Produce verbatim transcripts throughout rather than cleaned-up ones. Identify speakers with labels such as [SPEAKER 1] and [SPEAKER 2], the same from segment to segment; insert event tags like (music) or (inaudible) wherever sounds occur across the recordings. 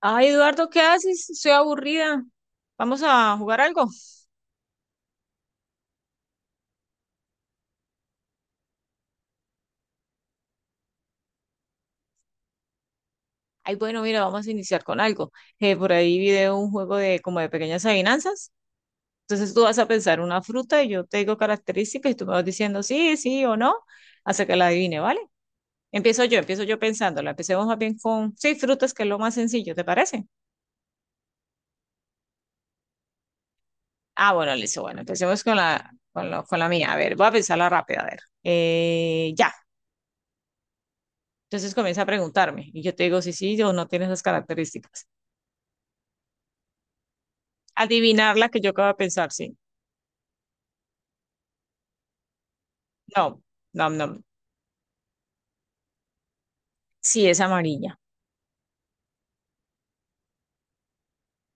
[SPEAKER 1] Ay, Eduardo, ¿qué haces? Estoy aburrida. ¿Vamos a jugar algo? Ay, bueno, mira, vamos a iniciar con algo. Eh, por ahí vi de un juego de como de pequeñas adivinanzas. Entonces tú vas a pensar una fruta y yo te digo características y tú me vas diciendo sí, sí o no, hasta que la adivine, ¿vale? Empiezo yo, empiezo yo pensándola. Empecemos más bien con, sí, frutas, que es lo más sencillo, ¿te parece? Ah, bueno, listo, bueno, empecemos con la, con lo- con la mía. A ver, voy a pensarla rápida, a ver. Eh, ya. Entonces comienza a preguntarme y yo te digo si sí o no tienes esas características. Adivinar la que yo acabo de pensar, sí. No, no, no. Sí, es amarilla.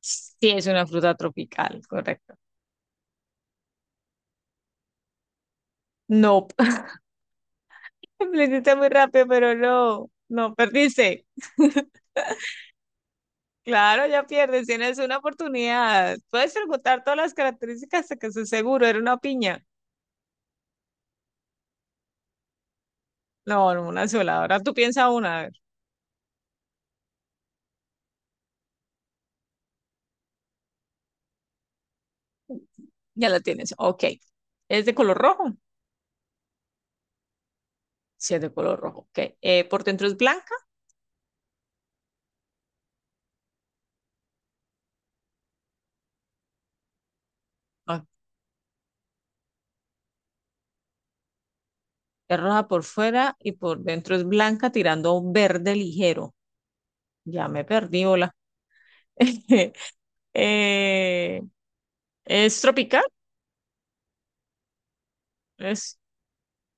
[SPEAKER 1] Sí, es una fruta tropical, correcto. No, (laughs) lo hiciste muy rápido, pero no, no, perdiste. (laughs) Claro, ya pierdes, tienes una oportunidad. Puedes preguntar todas las características hasta que estés seguro, era una piña. No, no, una sola. Ahora tú piensa una, a ver. Ya la tienes. Ok. ¿Es de color rojo? Sí, es de color rojo. Ok. Eh, ¿por dentro es blanca? Ok. Es roja por fuera y por dentro es blanca tirando a un verde ligero. Ya me perdí, hola. (laughs) Eh, ¿Es tropical? Es,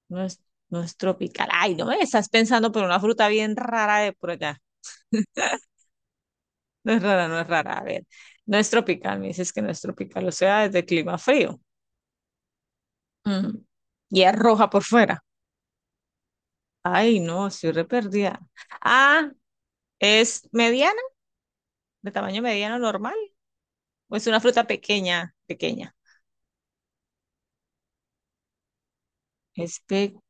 [SPEAKER 1] no es, no es tropical. Ay, no me estás pensando por una fruta bien rara de por allá. No es rara, no es rara. A ver, no es tropical, me dices que no es tropical, o sea, es de clima frío. Mm. Y es roja por fuera. Ay, no, estoy re perdida. Ah, ¿es mediana? ¿De tamaño mediano normal? ¿O es una fruta pequeña? Pequeña. Es pequeña.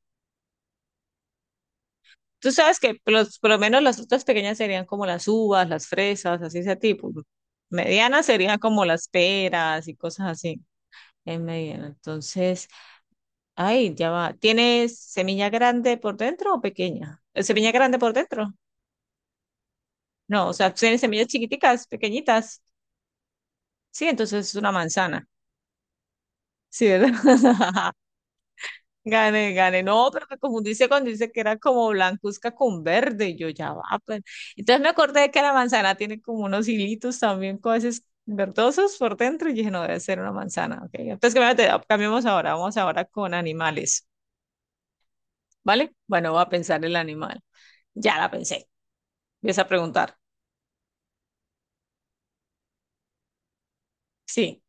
[SPEAKER 1] Tú sabes que los, por lo menos las frutas pequeñas serían como las uvas, las fresas, así ese tipo. Medianas serían como las peras y cosas así. En mediano. Entonces, ay, ya va. ¿Tienes semilla grande por dentro o pequeña? ¿Eh, ¿Semilla grande por dentro? No, o sea, tienes semillas chiquiticas, pequeñitas. Sí, entonces es una manzana. Sí, ¿verdad? (laughs) Gane, gane. No, pero me confundiste cuando dice que era como blancuzca con verde. Y yo ya va, pues. Entonces me acordé que la manzana tiene como unos hilitos también, cosas verdosos por dentro. Y dije, no, debe ser una manzana. Ok. Entonces, cambiate- cambiemos ahora. Vamos ahora con animales. ¿Vale? Bueno, voy a pensar el animal. Ya la pensé. Empieza a preguntar. Sí,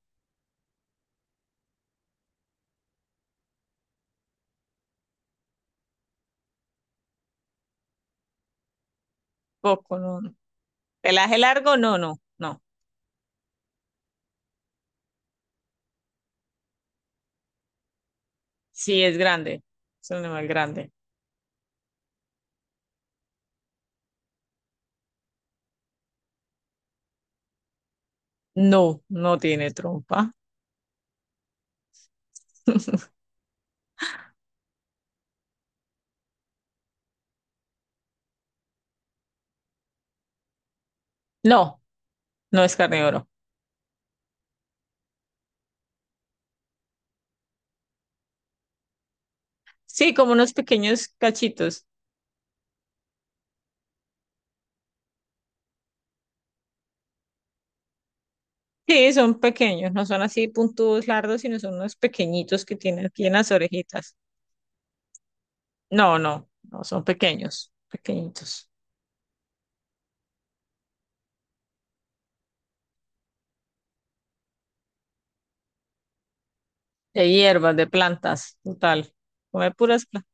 [SPEAKER 1] poco, no. No. ¿Pelaje largo? No, no, no. Sí, es grande. Es un animal grande. No, no tiene trompa. (laughs) No, no es carnívoro. Sí, como unos pequeños cachitos. Sí, son pequeños, no son así puntudos largos, sino son unos pequeñitos que tienen aquí en las orejitas. No, no, no, son pequeños, pequeñitos. De hierbas, de plantas, total. Come puras plantas.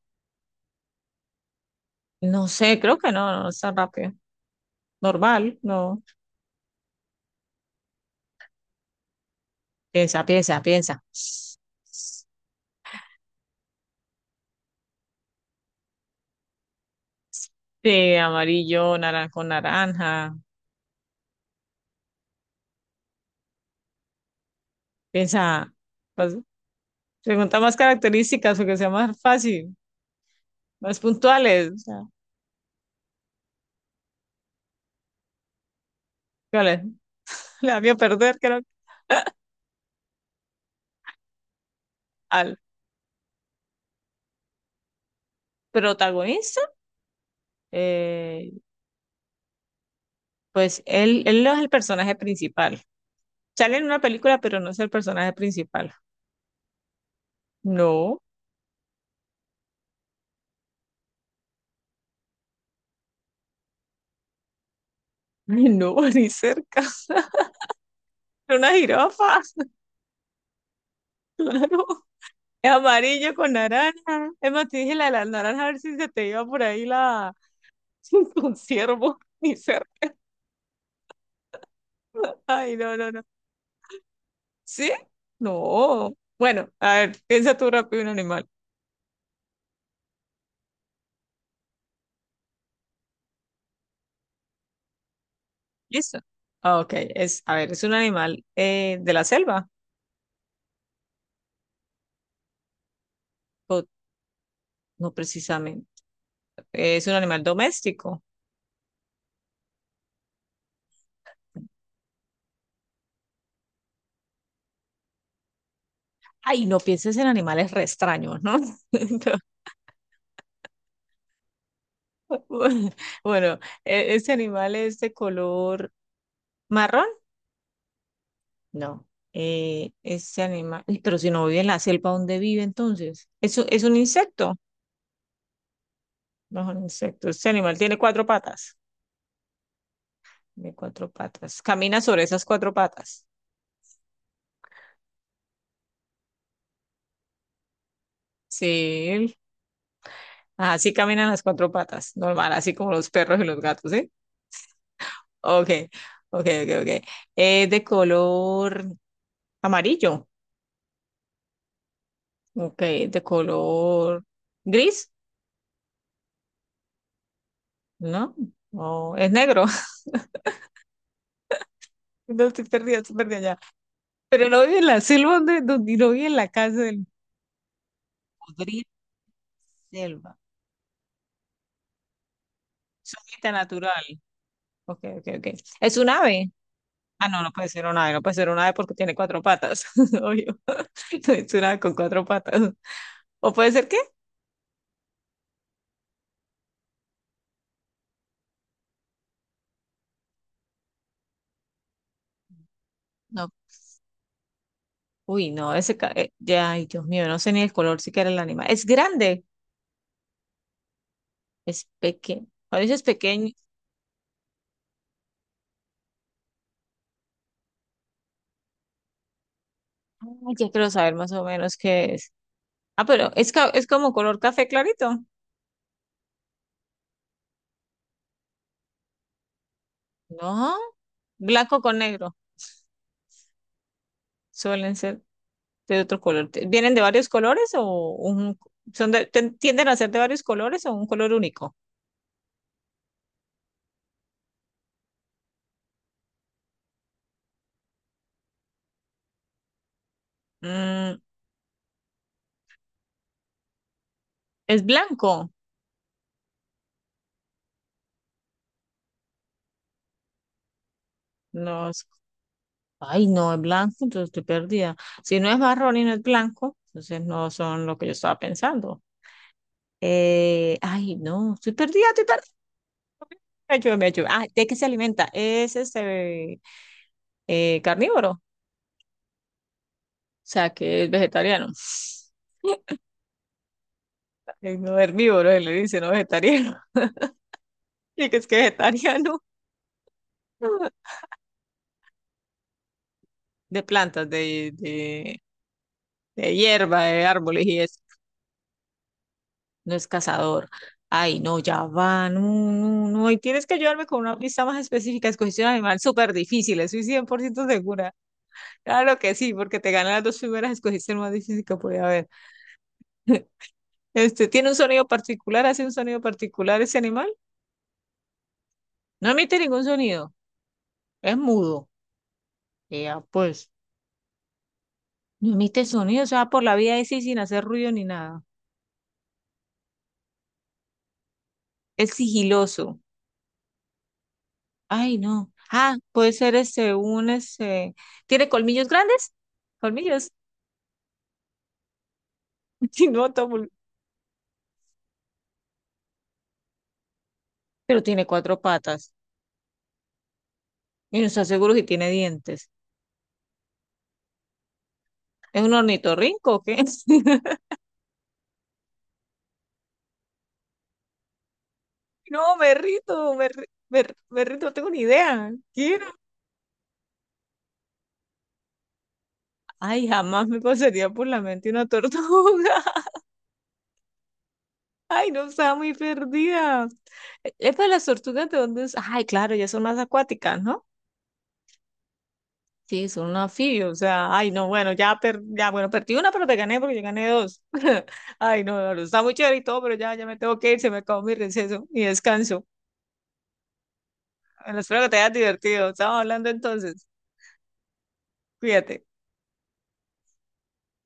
[SPEAKER 1] No sé, creo que no, no es tan rápido. Normal, no. Piensa, piensa, piensa. Sí, amarillo, naranjo, naranja. Piensa, pues, pregunta más características porque sea más fácil, más puntuales, o sea, ¿cuál es? La vio perder, creo, al protagonista. eh, pues él, él no es el personaje principal. Sale en una película, pero no es el personaje principal. No, no, (laughs) ni cerca. Una jirafa, (laughs) claro. Es amarillo con naranja. Es más, te dije la de la naranja, a ver si se te iba por ahí la (laughs) un ciervo, ni cerca. Ay, no, no, no. ¿Sí? No. Bueno, a ver, piensa tú rápido un animal. Listo. Ah, ok, es, a ver, es un animal eh, de la selva, o no precisamente, es un animal doméstico. Ay, no pienses en animales re extraños, ¿no? (laughs) No. Bueno, bueno, e- ¿este animal es de color marrón? No. Eh, ese animal, uy, pero si no vive en la selva, ¿dónde vive entonces? ¿Es, un- es un insecto? No es un insecto. Este animal tiene cuatro patas. Tiene cuatro patas. Camina sobre esas cuatro patas. Sí, ajá, sí caminan las cuatro patas, normal, así como los perros y los gatos, ¿sí? Ok, ok, ok, ok. Es de color amarillo, ok, de color gris, ¿no? No, es negro, (laughs) no estoy perdida, estoy perdida ya. Pero lo vi en la selva, donde, donde lo vi en la casa del podrido selva, su hábitat natural. Ok, ok, ok. Es un ave. Ah, no, no puede ser un ave, no puede ser un ave porque tiene cuatro patas, (laughs) obvio. (laughs) Es un ave con cuatro patas. ¿O puede ser qué? Uy, no, ese, ca- eh, ya, ay, Dios mío, no sé ni el color siquiera el animal. Es grande, es pequeño. A veces pequeño. Ah, ya quiero saber más o menos qué es. Ah, pero es, ca- es como color café clarito. No, blanco con negro. Suelen ser de otro color. Te- ¿Vienen de varios colores o un, son de- ten- tienden a ser de varios colores o un color único? Mm, es blanco. No, es- ay, no, es blanco, entonces estoy perdida. Si no es marrón y no es blanco, entonces no son lo que yo estaba pensando. Eh, ay, no, estoy perdida, estoy perdida. Me ayuda, me ayuda. Ah, ¿de qué se alimenta? Es este eh, carnívoro, o sea, que es vegetariano. Eh, No herbívoro, él le dice, no vegetariano. (laughs) Y que es que vegetariano (laughs) de plantas, de, de, de hierba, de árboles y eso. No es cazador. Ay, no, ya va, no, no, no. Y tienes que ayudarme con una pista más específica. Escogiste un animal súper difícil, estoy cien por ciento segura. Claro que sí, porque te ganan las dos primeras, escogiste el más difícil que podía haber. Este, tiene un sonido particular, hace un sonido particular ese animal. No emite ningún sonido, es mudo. Ya, pues, no emite sonido, o sea, por la vida ese sin hacer ruido ni nada. Es sigiloso. Ay, no. Ah, puede ser este, un ese. ¿Tiene colmillos grandes? Colmillos. (laughs) Sí, no, Tom, pero tiene cuatro patas. Y no está seguro si tiene dientes. ¿Es un ornitorrinco o qué? (laughs) No, me rito, me, ri- me, me rito, no tengo ni idea. ¿Qué Ay, jamás me pasaría por la mente una tortuga. (laughs) Ay, no, estaba muy perdida. Es para las tortugas de dónde es. Ay, claro, ya son más acuáticas, ¿no? Sí, son un anfibio. O sea, ay, no, bueno, ya, per... ya, bueno, perdí una, pero te gané porque yo gané dos. (laughs) Ay, no, no, no, está muy chévere y todo, pero ya, ya me tengo que ir, se me acabó mi receso, mi descanso. Bueno, espero que te hayas divertido. Estamos hablando entonces. Cuídate.